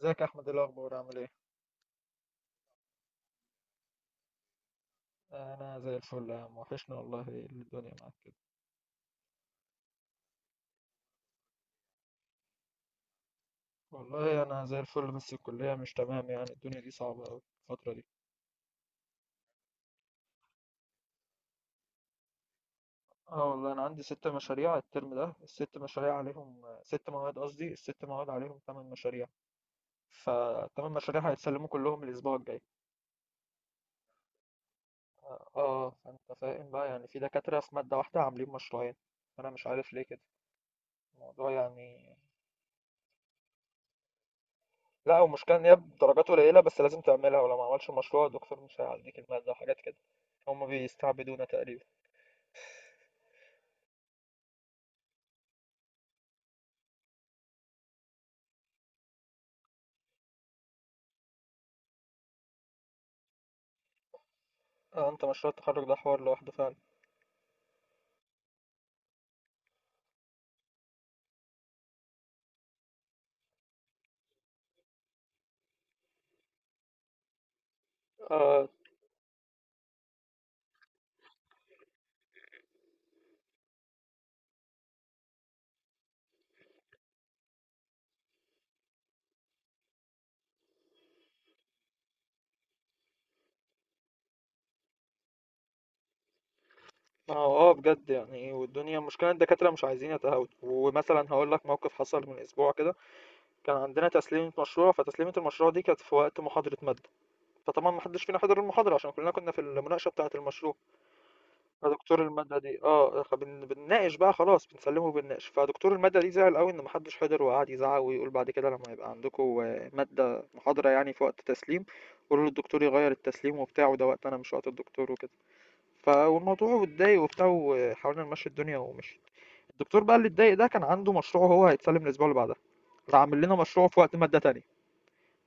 ازيك يا احمد؟ إيه الاخبار؟ عامل ايه؟ انا زي الفل يا عم، وحشنا والله. إيه اللي الدنيا معاك كده؟ والله انا زي الفل، بس الكليه مش تمام، يعني الدنيا دي صعبه قوي الفتره دي. اه والله انا عندي ست مشاريع الترم ده، الست مشاريع عليهم ست مواد، قصدي الست مواد عليهم ثمان مشاريع، فالثمان مشاريع هيتسلموا كلهم الاسبوع الجاي. اه، فانت فاهم بقى، يعني في دكاتره في ماده واحده عاملين مشروعين، انا مش عارف ليه كده الموضوع يعني. لا هو المشكلة إن هي بدرجات قليلة، بس لازم تعملها، ولو ما عملش المشروع الدكتور مش هيعديك المادة وحاجات كده. هما بيستعبدونا تقريبا. آه، أنت مشروع التخرج ده حوار لوحده فعلا. آه آه، بجد يعني، والدنيا المشكلة إن الدكاترة مش عايزين يتهاوتوا، ومثلا هقول لك موقف حصل من أسبوع كده. كان عندنا تسليمة مشروع، فتسليمة المشروع دي كانت في وقت محاضرة مادة، فطبعا محدش فينا حضر المحاضرة عشان كلنا كنا في المناقشة بتاعة المشروع. فدكتور المادة دي، بنناقش بقى، خلاص بنسلمه وبنناقش. فدكتور المادة دي زعل قوي ان محدش حضر، وقعد يزعق ويقول بعد كده لما يبقى عندكم، مادة محاضرة يعني في وقت تسليم، قولوا للدكتور يغير التسليم وبتاع، وده وقت انا مش وقت الدكتور وكده. فالموضوع اتضايق وبتاع، وحاولنا نمشي الدنيا ومشي. الدكتور بقى اللي اتضايق ده كان عنده مشروع هو هيتسلم الاسبوع اللي بعدها، راح عامل لنا مشروع في وقت مادة تانية،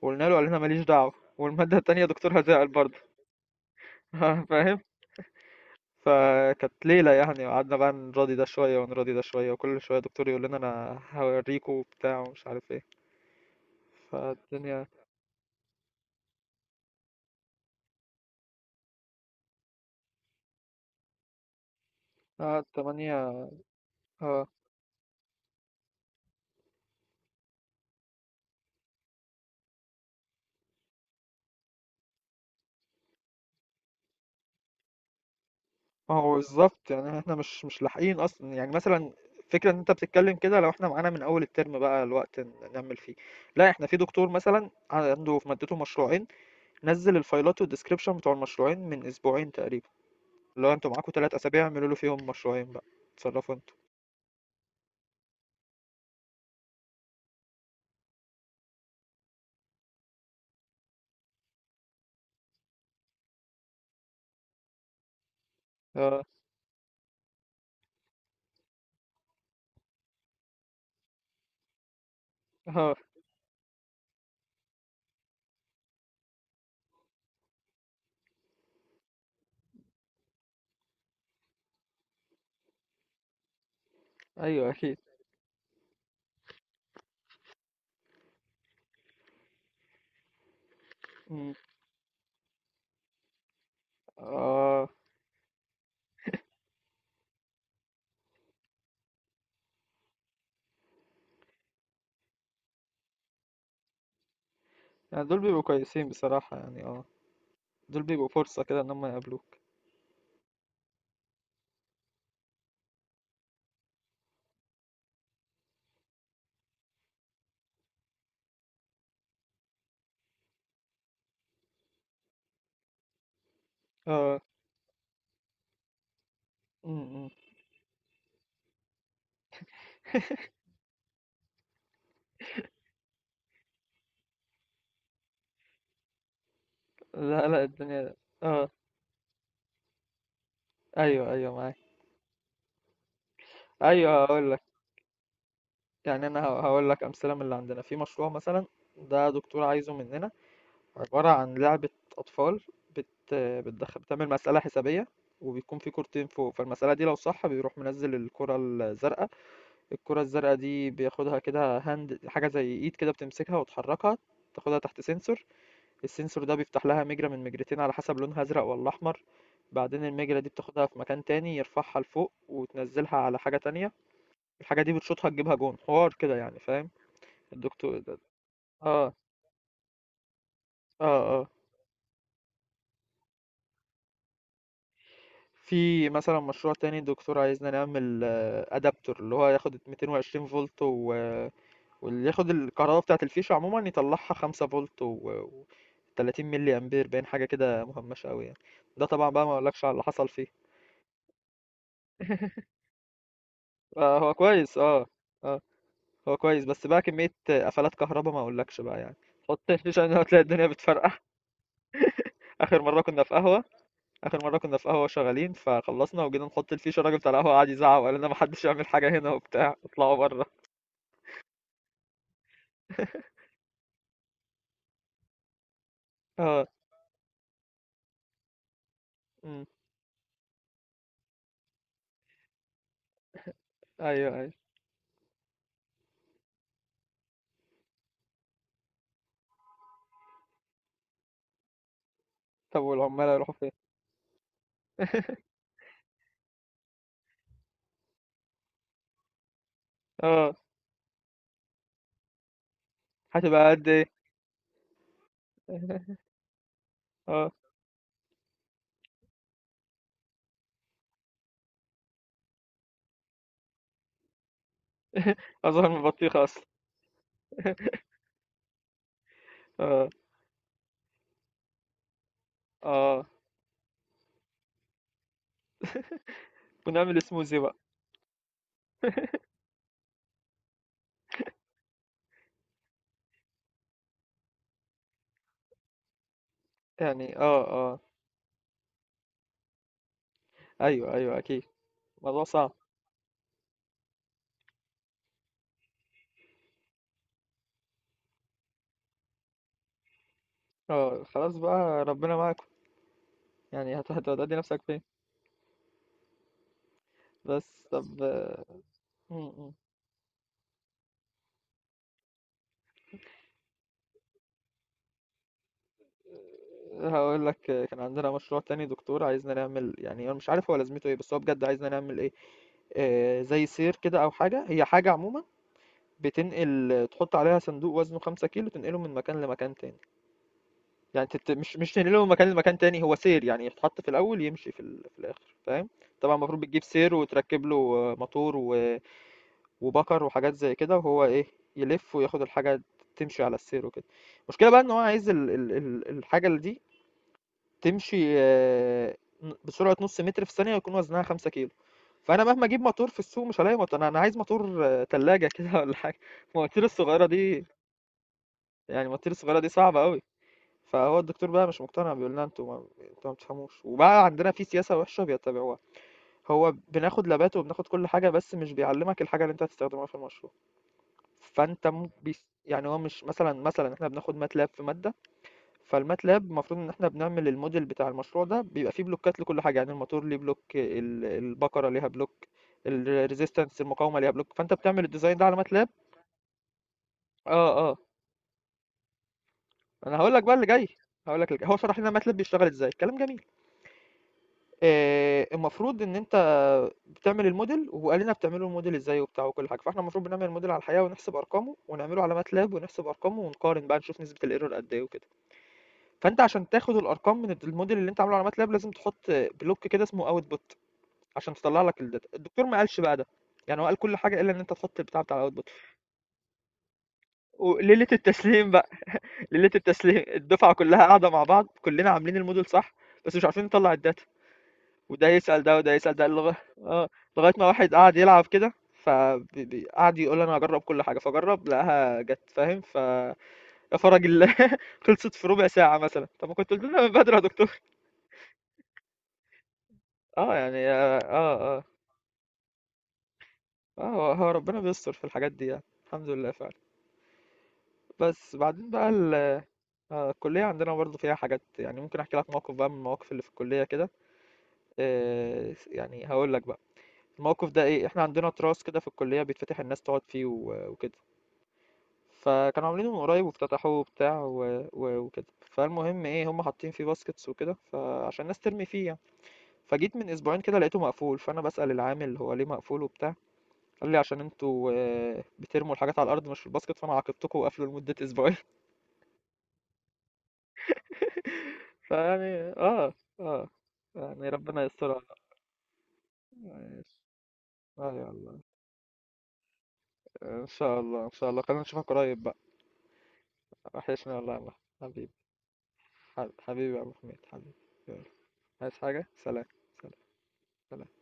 وقلنا له قال لنا ماليش دعوة. والمادة التانية دكتورها زعل برضه. فاهم؟ فكانت ليلة، يعني قعدنا بقى نراضي ده شوية ونراضي ده شوية، وكل شوية دكتور يقول لنا أنا هوريكوا وبتاع ومش عارف ايه. فالدنيا. اه تمانية. اه، ما هو بالظبط، يعني احنا مش لاحقين أصلا يعني، مثلا فكرة إن أنت بتتكلم كده لو احنا معانا من أول الترم بقى الوقت نكمل فيه. لا، احنا في دكتور مثلا عنده في مادته مشروعين، نزل الفايلات والديسكريبشن بتوع المشروعين من أسبوعين تقريبا، اللي هو انتوا معاكوا تلات أسابيع اعملوا له فيهم مشروعين بقى، اتصرفوا انتوا. اه اه. ايوه اكيد. اه، يعني دول بيبقوا كويسين بصراحة يعني، اه دول بيبقوا فرصة كده ان هم يقابلوك. اه. م -م. لا لا، الدنيا. اه. ايوه ايوه معاك. ايوه هقول لك، يعني انا هقول لك امثله من اللي عندنا في مشروع مثلا. ده دكتور عايزه مننا عباره عن لعبه اطفال، بت بتدخل بتعمل مساله حسابيه، وبيكون في كورتين فوق، فالمساله دي لو صح بيروح منزل الكره الزرقاء. الكره الزرقاء دي بياخدها كده هاند، حاجه زي ايد كده، بتمسكها وتحركها، تاخدها تحت سنسور. السنسور ده بيفتح لها مجرى من مجرتين على حسب لونها ازرق ولا احمر، بعدين المجرة دي بتاخدها في مكان تاني يرفعها لفوق وتنزلها على حاجة تانية. الحاجة دي بتشوطها تجيبها جون، حوار كده يعني فاهم. الدكتور ده. اه اه. في مثلا مشروع تاني الدكتور عايزنا نعمل ادابتور اللي هو ياخد 220 فولت واللي ياخد الكهرباء بتاعة الفيشة عموما يطلعها 5 فولت و... و 30 ملي امبير، باين حاجة كده مهمشة قوي يعني. ده طبعا بقى ما اقولكش على اللي حصل فيه. آه هو كويس، اه اه، هو كويس بس بقى كمية قفلات كهربا ما اقولكش بقى يعني، حط الفيش عشان هتلاقي الدنيا بتفرقع. اخر مرة كنا في قهوة. اخر مرة كنا في قهوة شغالين، فخلصنا وجينا نحط الفيش، الراجل بتاع القهوة قعد يزعق وقال لنا محدش يعمل حاجة هنا وبتاع، اطلعوا بره. اه. امم. ايوه ايوه. طب والعمال هيروحوا فين؟ اه، هتبقى قد ايه؟ اه، اظهر من البطيخة اصلا. اه اه، ونعمل سموزي بقى. يعني اه اه. ايوه ايوه اكيد. الموضوع صعب. اه خلاص بقى ربنا معاكم، يعني هتأدي نفسك فين. بس طب. م- م. هقول لك، كان عندنا مشروع تاني دكتور عايزنا نعمل، يعني انا مش عارف هو لازمته ايه، بس هو بجد عايزنا نعمل ايه. آه، زي سير كده او حاجه، هي حاجه عموما بتنقل، تحط عليها صندوق وزنه 5 كيلو تنقله من مكان لمكان تاني، مش تنقله من مكان لمكان تاني، هو سير يعني يتحط في الاول، يمشي في، ال... في الاخر فاهم. طبعا المفروض بتجيب سير وتركب له، موتور وبكر وحاجات زي كده، وهو ايه، يلف وياخد الحاجه، تمشي على السير وكده. المشكله بقى ان هو عايز الحاجه اللي دي تمشي، بسرعة نص متر في الثانية يكون وزنها خمسة كيلو. فأنا مهما أجيب موتور في السوق مش هلاقي موتور، أنا أنا عايز موتور، تلاجة كده ولا حاجة. المواتير الصغيرة دي، يعني المواتير الصغيرة دي صعبة أوي. فهو الدكتور بقى مش مقتنع، بيقول لنا أنتوا ما أنتوا ما بتفهموش، وبقى عندنا في سياسة وحشة بيتبعوها. هو بناخد لابات وبناخد كل حاجة، بس مش بيعلمك الحاجة اللي أنت هتستخدمها في المشروع. فأنت يعني هو مش مثلا، مثلا إحنا بناخد ماتلاب في مادة، فالماتلاب المفروض ان احنا بنعمل الموديل بتاع المشروع، ده بيبقى فيه بلوكات لكل حاجه، يعني الموتور ليه بلوك، البقره ليها بلوك، الريزيستنس المقاومه ليها بلوك، فانت بتعمل الديزاين ده على ماتلاب. اه اه. انا هقول لك بقى اللي جاي، هقول لك اللي جاي، هو شرح لنا ماتلاب بيشتغل ازاي، كلام جميل. آه، المفروض ان انت بتعمل الموديل، وقال لنا بتعملوا الموديل ازاي وبتاع وكل حاجه. فاحنا المفروض بنعمل الموديل على الحقيقه ونحسب ارقامه، ونعمله على ماتلاب ونحسب ارقامه ونقارن بقى نشوف نسبه الايرور قد ايه وكده. فانت عشان تاخد الارقام من الموديل اللي انت عامله على ماتلاب لازم تحط بلوك كده اسمه اوتبوت عشان تطلع لك الداتا، الدكتور ما قالش بقى ده، يعني هو قال كل حاجه الا ان انت تحط البتاع بتاع الاوتبوت. وليله التسليم بقى، ليله التسليم الدفعه كلها قاعده مع بعض، كلنا عاملين الموديل صح، بس مش عارفين نطلع الداتا. وده يسال ده وده يسال ده لغايه، اه لغايه ما واحد قعد يلعب كده، فقعد يقول انا هجرب كل حاجه، فجرب لقاها جت فاهم، ف يا فرج الله خلصت في ربع ساعه مثلا. طب ما كنت قلت لنا من بدري يا دكتور. اه، هو هو ربنا بيستر في الحاجات دي، يعني الحمد لله فعلا. بس بعدين بقى ال. الكلية عندنا برضه فيها حاجات، يعني ممكن احكي لك موقف بقى من المواقف اللي في الكلية كده. هقول لك بقى الموقف ده ايه. احنا عندنا تراس كده في الكلية بيتفتح الناس تقعد فيه وكده، فكانوا عاملينه من قريب وافتتحوه وبتاع وكده، فالمهم ايه، هم حاطين فيه باسكتس وكده، فعشان الناس ترمي فيه يعني. فجيت من اسبوعين كده لقيته مقفول، فانا بسأل العامل هو ليه مقفول وبتاع، قال لي عشان انتوا، بترموا الحاجات على الارض مش في الباسكت، فانا عاقبتكم وقفلوا لمدة اسبوعين. فيعني اه اه، يعني ربنا يسترها. اه يلا، ان شاء الله ان شاء الله، خلينا نشوفك قريب بقى. وحشني والله يا محمد حبيبي، حبيبي يا ابو حميد حبيبي. يلا، عايز حاجة؟ سلام. سلام. سلام.